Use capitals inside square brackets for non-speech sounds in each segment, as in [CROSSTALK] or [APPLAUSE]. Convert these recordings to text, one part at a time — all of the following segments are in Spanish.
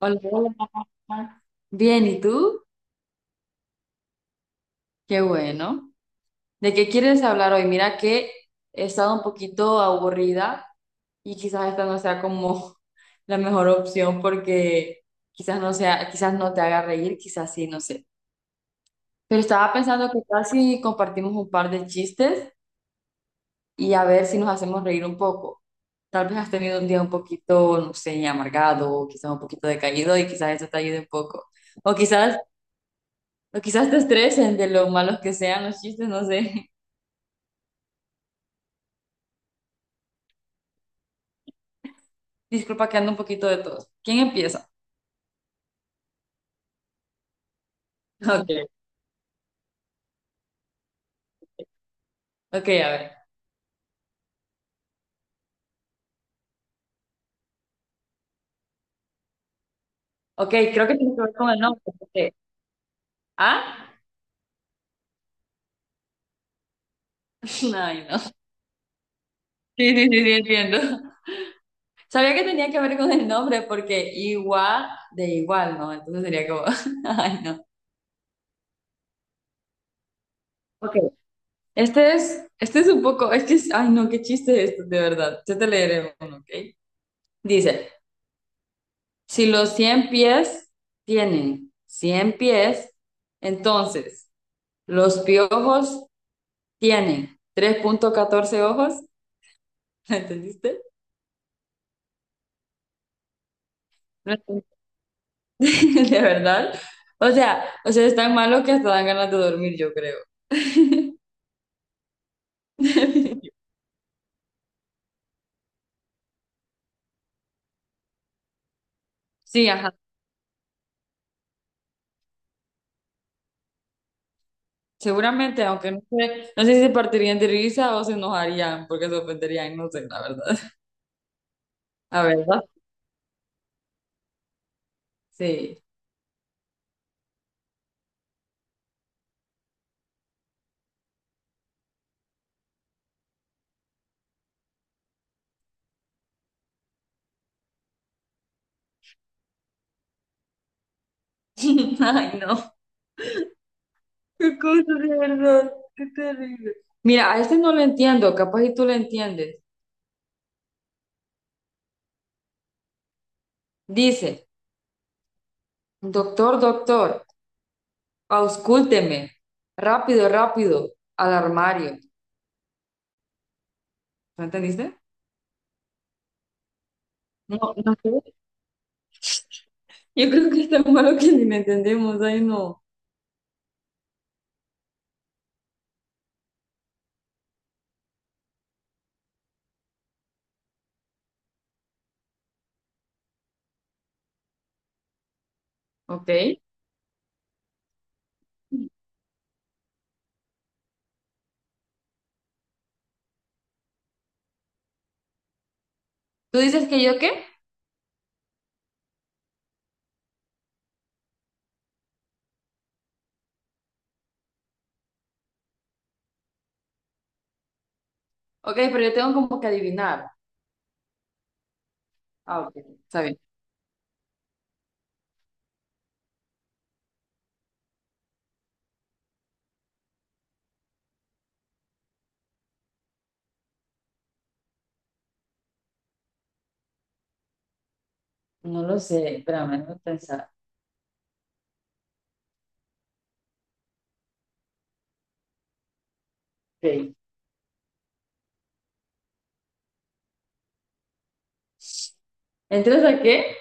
Hola, hola. Bien, ¿y tú? Qué bueno. ¿De qué quieres hablar hoy? Mira que he estado un poquito aburrida y quizás esta no sea como [LAUGHS] la mejor opción porque quizás no te haga reír, quizás sí, no sé. Pero estaba pensando que tal si compartimos un par de chistes y a ver si nos hacemos reír un poco. Tal vez has tenido un día un poquito, no sé, amargado, o quizás un poquito decaído y quizás eso te ayude un poco. O quizás O quizás te estresen de lo malos que sean los chistes, no sé. [LAUGHS] Disculpa que ando un poquito de todos. ¿Quién empieza? [LAUGHS] Ok, ok, a ver. Ok, creo que tiene que ver con el nombre. Porque- ¿Ah? [LAUGHS] Ay, no. Sí, sí, sí, sí, entiendo. [LAUGHS] Sabía que tenía que ver con el nombre porque igual de igual, ¿no? Entonces sería como... [LAUGHS] Ay, no. Ok. Este es un poco, es que, es- ay no, qué chiste es esto, de verdad. Yo te leeré uno, ¿ok? Dice, si los 100 pies tienen 100 pies, entonces... Los piojos tienen 3.14 ojos. [LAUGHS] ¿La entendiste? No entendí. [LAUGHS] De verdad. O sea, es tan malo que hasta dan ganas de dormir, yo creo. [LAUGHS] Sí, ajá. Seguramente, aunque no sé si se partirían de risa o se enojarían porque se ofenderían, no sé, la verdad. [LAUGHS] ¿A verdad? Sí. [LAUGHS] Ay, no. Qué cosa de verdad. Qué terrible. Mira, a este no lo entiendo, capaz y tú lo entiendes. Dice, doctor, doctor. Auscúlteme. Rápido, rápido. Al armario. ¿No entendiste? No, no sé. Yo creo que es tan malo que ni me entendemos. Ay, no. Ok. ¿Tú dices que yo qué? Ok, pero yo tengo como que adivinar. Ah, ok. Está bien. No lo sé. Espérame, no pensar. Ok. ¿Entras a qué?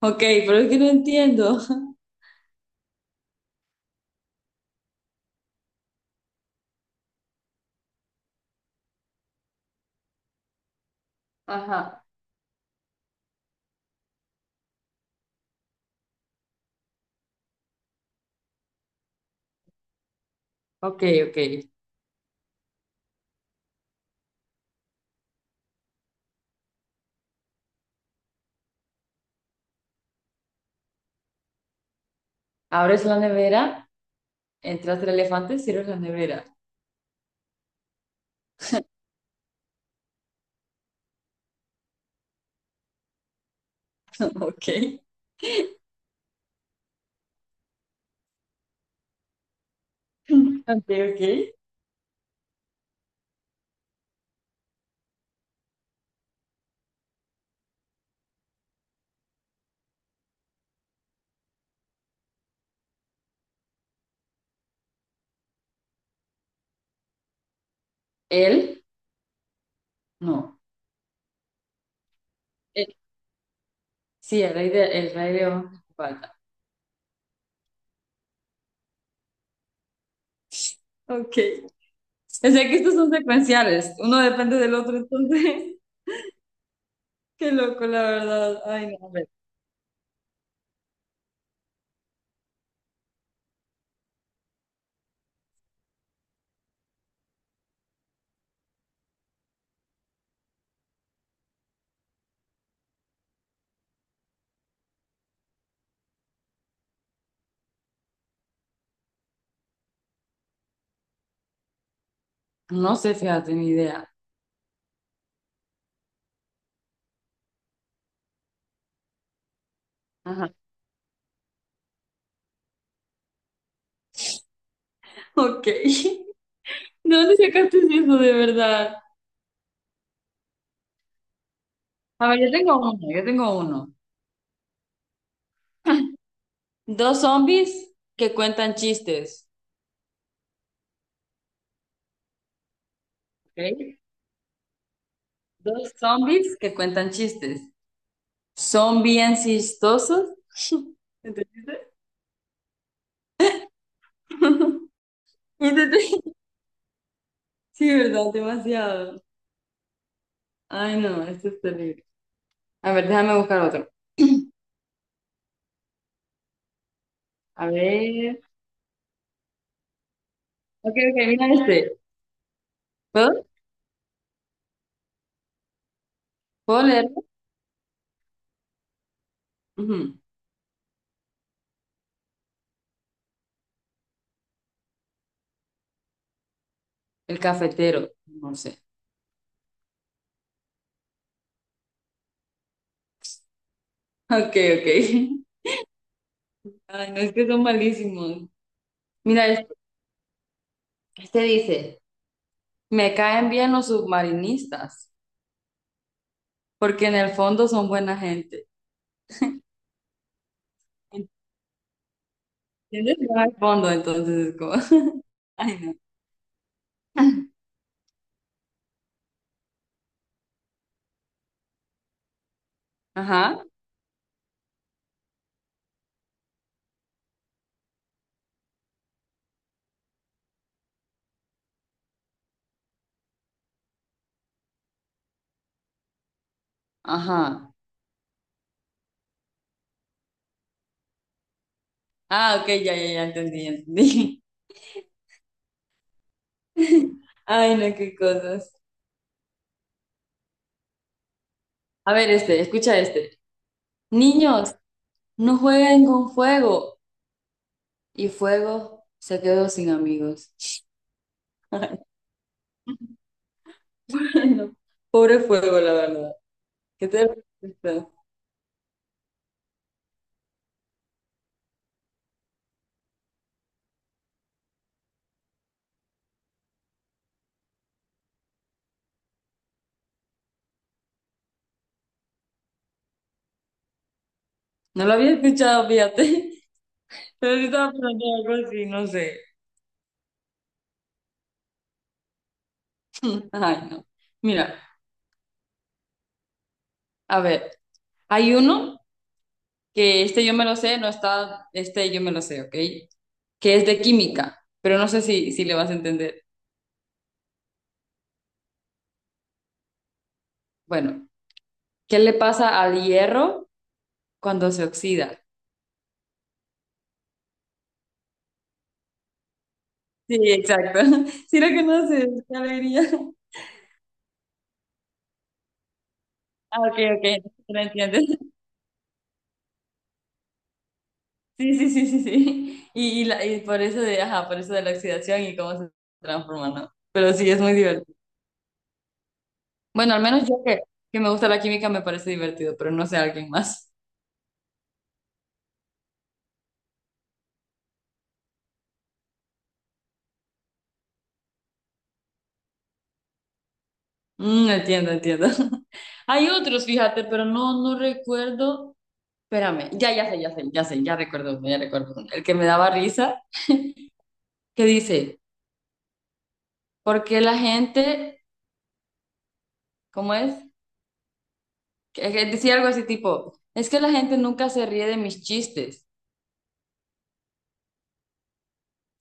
Ok, pero es que no entiendo. [LAUGHS] Ajá. Ok, ok. Abres la nevera, entras el elefante, cierras la nevera. [LAUGHS] Ok. [LAUGHS] Ok, ok. Él, no. Sí, el rey león de Esparta. Ok. O sea que estos son secuenciales. Uno depende del otro, entonces. [LAUGHS] Qué loco, la verdad. Ay, no, a ver. No sé, fíjate, ni idea. Ajá. Ok. [LAUGHS] ¿De dónde sacaste eso de verdad? A ver, yo tengo uno. Dos zombies que cuentan chistes. Ok. Dos zombies que cuentan chistes. Son bien chistosos. [LAUGHS] ¿Entendiste? [LAUGHS] ¿Entendiste? Sí, ¿verdad? Demasiado. Ay, no, esto es terrible. A ver, déjame buscar otro. A ver. Ok, ok, mira este. ¿Puedo? ¿Puedo leerlo? Ujú. El cafetero. No sé. [LAUGHS] Ok, ok. Ay, no, es que son malísimos. Mira este. Este dice, me caen bien los submarinistas, porque en el fondo son buena gente. ¿Entiendes? No hay fondo, entonces es como... [LAUGHS] Ay, no. Ajá, ajá. Ah, ok, ya entendí, ya entendí. [LAUGHS] Ay, no, qué cosas. A ver, este, escucha este. Niños. No jueguen con fuego. Y fuego se quedó sin amigos. [LAUGHS] Ay, no. Pobre fuego, la verdad. ¿Qué te parece? No lo había escuchado, fíjate. [LAUGHS] Pero sí estaba pensando en algo así, no sé. [LAUGHS] Ay, no. Mira, a ver, hay uno que este yo me lo sé, no está, este yo me lo sé, ¿ok? Que es de química, pero no sé si le vas a entender. Bueno, ¿qué le pasa al hierro cuando se oxida? Sí, exacto. [LAUGHS] Sí, lo conoces, qué alegría. Ah, ok, entonces lo entiendes. [LAUGHS] Sí. Por eso de, ajá, por eso de la oxidación y cómo se transforma, ¿no? Pero sí, es muy divertido. Bueno, al menos yo que me gusta la química me parece divertido, pero no sé alguien más. Mm, entiendo, entiendo. [LAUGHS] Hay otros, fíjate, pero no, no recuerdo. Espérame, ya, ya sé, ya sé, ya sé, ya recuerdo, uno, ya recuerdo uno. El que me daba risa, que dice, ¿por qué la gente, cómo es? Que decía algo así tipo, es que la gente nunca se ríe de mis chistes.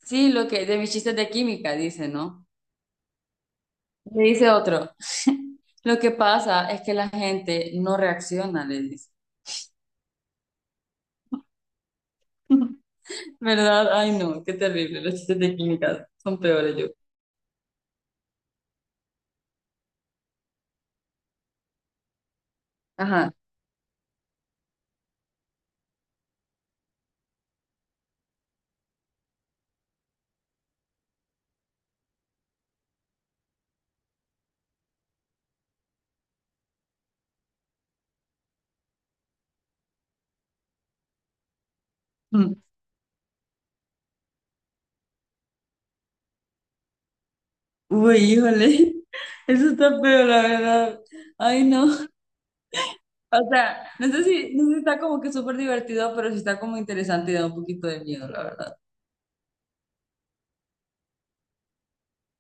Sí, lo que de mis chistes de química dice, ¿no? Le dice otro, lo que pasa es que la gente no reacciona, le dice. [LAUGHS] ¿Verdad? Ay, no, qué terrible. Los chistes de química son peores yo. Ajá. Mm. Uy, híjole. [LAUGHS] Eso está peor, la verdad. Ay, no. O sea, no sé si está como que súper divertido, pero sí está como interesante y da un poquito de miedo, la verdad.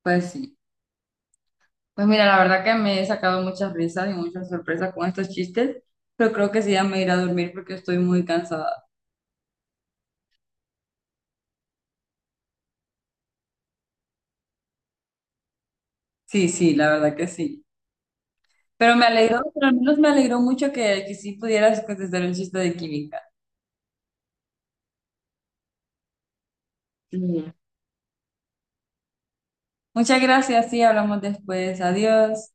Pues sí. Pues mira, la verdad que me he sacado muchas risas y muchas sorpresas con estos chistes, pero creo que sí ya me iré a dormir porque estoy muy cansada. Sí, sí, la verdad que sí. Pero me alegró, pero al menos me alegró mucho que sí pudieras contestar el chiste de química. Mm. Muchas gracias, sí, hablamos después. Adiós.